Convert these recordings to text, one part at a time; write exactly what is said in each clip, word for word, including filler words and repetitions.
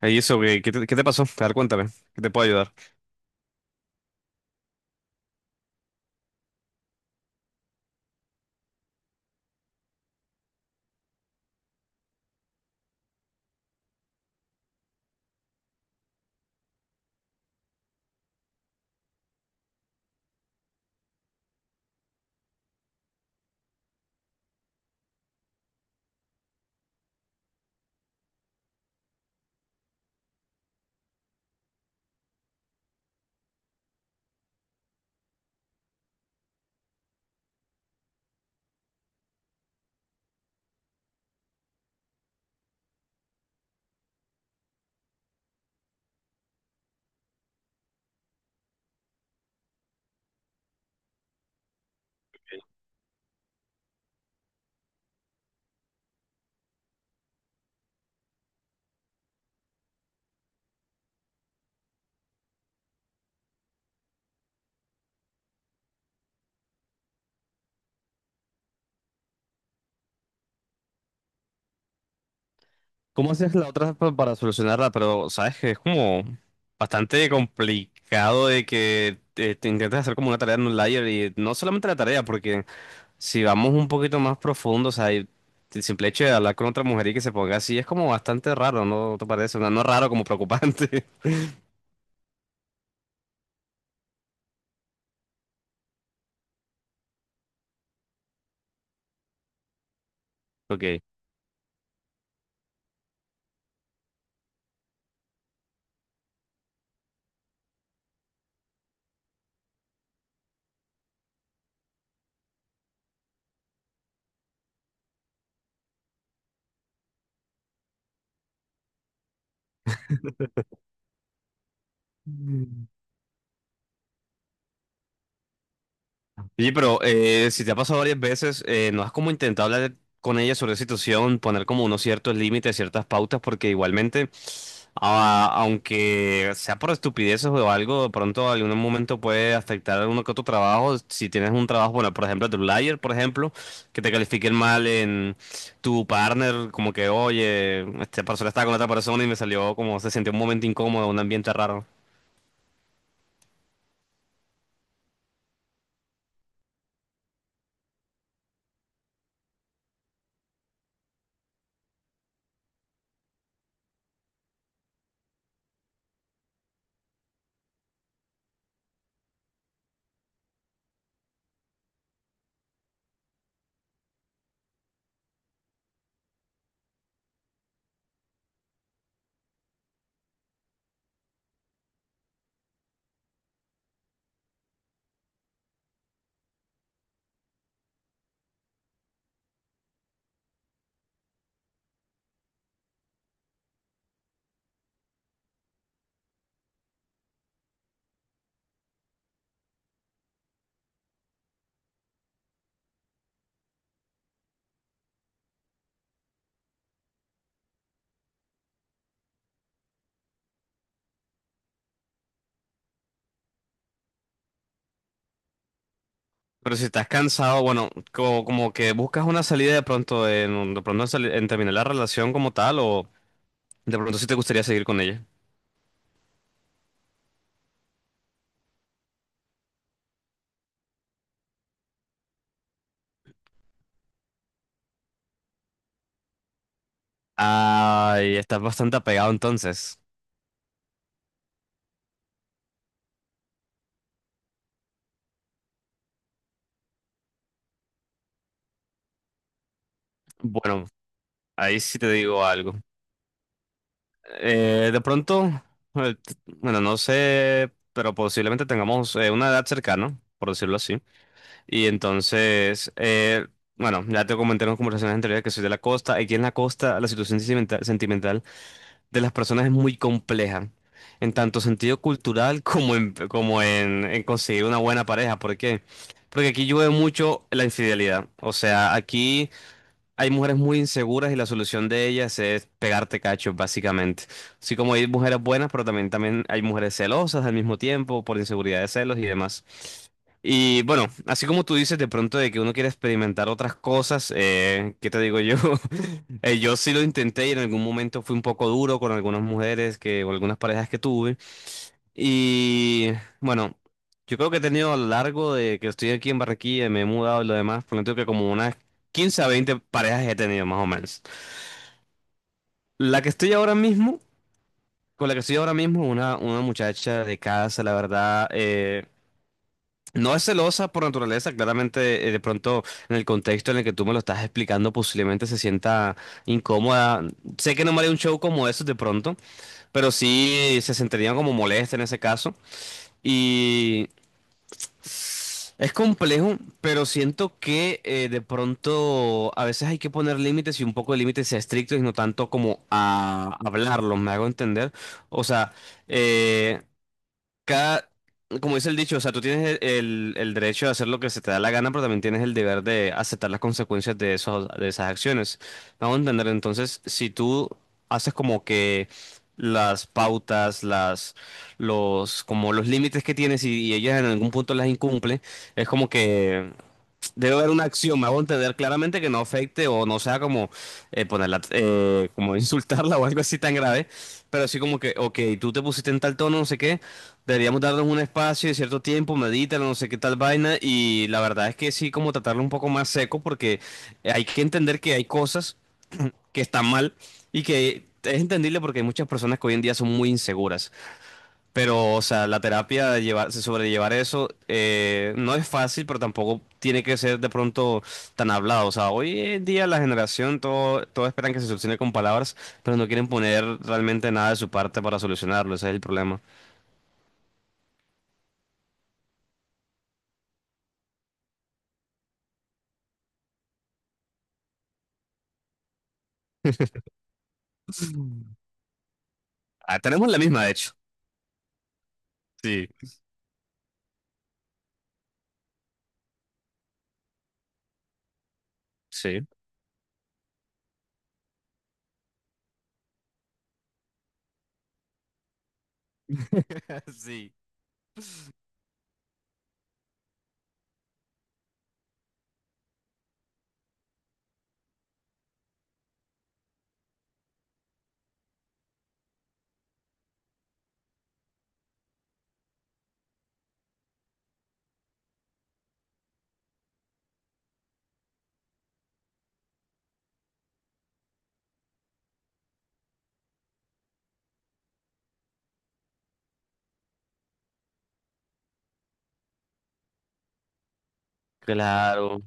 Eh, ¿Y eso qué, qué te, qué te pasó? A ver, cuéntame, ¿qué te puedo ayudar? ¿Cómo haces la otra pa- para solucionarla? Pero sabes que es como bastante complicado de que eh, te, intentes hacer como una tarea en un layer y no solamente la tarea, porque si vamos un poquito más profundo, o sea, y el simple hecho de hablar con otra mujer y que se ponga así es como bastante raro, ¿no ¿No te parece? O sea, no raro como preocupante. Ok. Oye, pero eh, si te ha pasado varias veces, eh, ¿no has como intentado hablar con ella sobre la situación, poner como unos ciertos límites, ciertas pautas? Porque igualmente, a- aunque sea por estupideces o algo, de pronto en algún momento puede afectar a alguno que otro trabajo. Si tienes un trabajo, bueno, por ejemplo, de un por ejemplo, que te califiquen mal en tu partner, como que, oye, esta persona estaba con otra persona y me salió como se sintió un momento incómodo, un ambiente raro. Pero si estás cansado, bueno, como, como que buscas una salida de pronto en, de pronto en, sali- en terminar la relación como tal, o de pronto si te gustaría seguir con ella. Ay, estás bastante apegado entonces. Bueno, ahí sí te digo algo. Eh, de pronto, eh, t- bueno, no sé, pero posiblemente tengamos eh, una edad cercana, por decirlo así. Y entonces, eh, bueno, ya te comenté en las conversaciones anteriores que soy de la costa. Aquí en la costa la situación sentimental, de las personas es muy compleja, en tanto sentido cultural como en, como en, en conseguir una buena pareja. ¿Por qué? Porque aquí yo veo mucho la infidelidad. O sea, aquí hay mujeres muy inseguras y la solución de ellas es pegarte cachos, básicamente. Así como hay mujeres buenas, pero también, también hay mujeres celosas al mismo tiempo por inseguridad de celos y demás. Y bueno, así como tú dices de pronto de que uno quiere experimentar otras cosas, eh, ¿qué te digo yo? Eh, yo sí lo intenté y en algún momento fui un poco duro con algunas mujeres que, o algunas parejas que tuve. Y bueno, yo creo que he tenido a lo largo de que estoy aquí en Barranquilla me he mudado y lo demás, por lo tanto que como una quince a veinte parejas he tenido más o menos. La que estoy ahora mismo, Con la que estoy ahora mismo, una, una muchacha de casa, la verdad, eh, no es celosa por naturaleza, claramente. Eh, de pronto en el contexto en el que tú me lo estás explicando posiblemente se sienta incómoda. Sé que no me haría un show como eso de pronto, pero sí se sentiría como molesta en ese caso. Y Es complejo, pero siento que eh, de pronto a veces hay que poner límites y un poco de límites sea estrictos y no tanto como a hablarlos, me hago entender. O sea, eh, cada, como dice el dicho, o sea, tú tienes el, el- el derecho de hacer lo que se te da la gana, pero también tienes el deber de aceptar las consecuencias de esos, de esas acciones. Vamos a entender, entonces, si tú haces como que las pautas, las, los, como los límites que tienes y, y ellas en algún punto las incumple, es como que debe haber una acción, me hago entender claramente que no afecte o no sea como eh, ponerla, eh, como insultarla o algo así tan grave, pero así como que, ok, tú te pusiste en tal tono, no sé qué, deberíamos darnos un espacio de cierto tiempo, medítalo, no sé qué tal vaina, y la verdad es que sí, como tratarlo un poco más seco, porque hay que entender que hay cosas que están mal y que es entendible porque hay muchas personas que hoy en día son muy inseguras. Pero, o sea, la terapia, de llevar, sobrellevar eso, eh, no es fácil, pero tampoco tiene que ser de pronto tan hablado. O sea, hoy en día la generación, todo, todo esperan que se solucione con palabras, pero no quieren poner realmente nada de su parte para solucionarlo. Ese es el problema. Ah, tenemos la misma, de hecho. Sí, sí. Sí. Claro,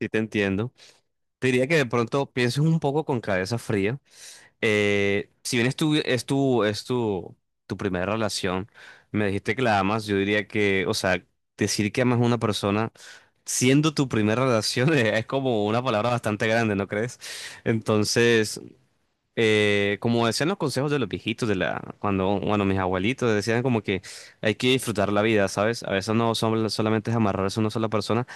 sí te entiendo. Te diría que de pronto pienses un poco con cabeza fría. Eh, si bien es tu, es tu, es tu, tu primera relación, me dijiste que la amas, yo diría que, o sea, decir que amas a una persona siendo tu primera relación es como una palabra bastante grande, ¿no crees? Entonces, eh, como decían los consejos de los viejitos, de la, cuando, bueno, mis abuelitos decían como que hay que disfrutar la vida, ¿sabes? A veces no son, solamente es amarrarse a una sola persona.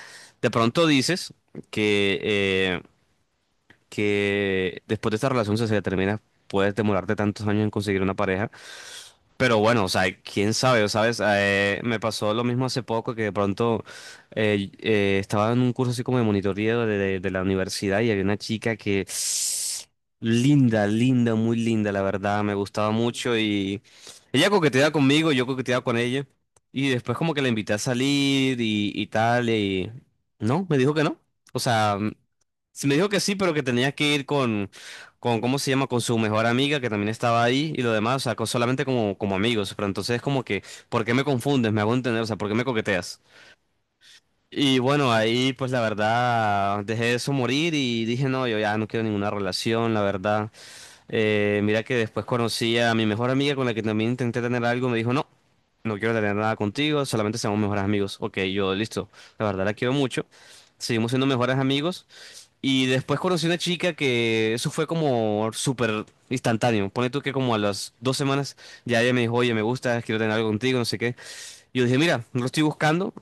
De pronto dices que... eh, que después de esta relación, si se termina, puedes demorarte tantos años en conseguir una pareja, pero bueno, o sea, quién sabe, ¿sabes? Eh, me pasó lo mismo hace poco que de pronto eh, eh, estaba en un curso así como de monitoreo de, de- de la universidad y había una chica que linda, linda, muy linda, la verdad, me gustaba mucho y ella coqueteaba conmigo, yo coqueteaba con ella y después como que la invité a salir y, y tal y no, me dijo que no. O sea, sí me dijo que sí, pero que tenía que ir con, ¿cómo se llama? Con su mejor amiga que también estaba ahí y lo demás, o sea, co- solamente como, como amigos, pero entonces es como que, ¿por qué me confundes? Me hago entender, o sea, ¿por qué me coqueteas? Y bueno, ahí pues la verdad dejé eso morir y dije, no, yo ya no quiero ninguna relación, la verdad. Eh, mira que después conocí a mi mejor amiga con la que también intenté tener algo, me dijo, no, no quiero tener nada contigo, solamente seamos mejores amigos. Ok, yo listo, la verdad la quiero mucho. Seguimos siendo mejores amigos. Y después conocí una chica que eso fue como súper instantáneo. Pone tú que como a las dos semanas ya ella me dijo, oye, me gusta, quiero tener algo contigo, no sé qué. Y yo dije, mira, no lo estoy buscando.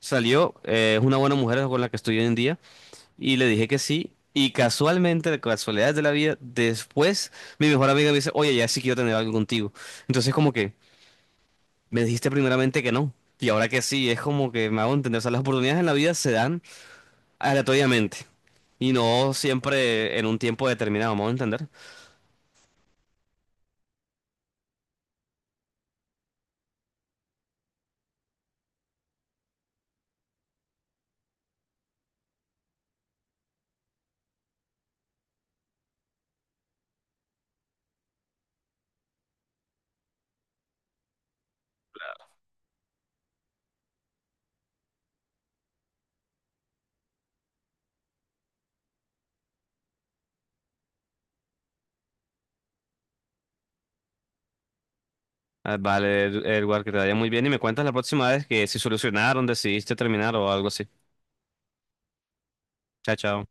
Salió, eh, es una buena mujer con la que estoy hoy en día. Y le dije que sí. Y casualmente, de casualidades de la vida, después mi mejor amiga me dice, oye, ya sí quiero tener algo contigo. Entonces como que me dijiste primeramente que no. Y ahora que sí, es como que me hago entender. O sea, las oportunidades en la vida se dan aleatoriamente. Y no siempre en un tiempo determinado, vamos a entender. Ah, vale, Edward, que te vaya muy bien y me cuentas la próxima vez que si solucionaron, decidiste terminar o algo así. Chao, chao.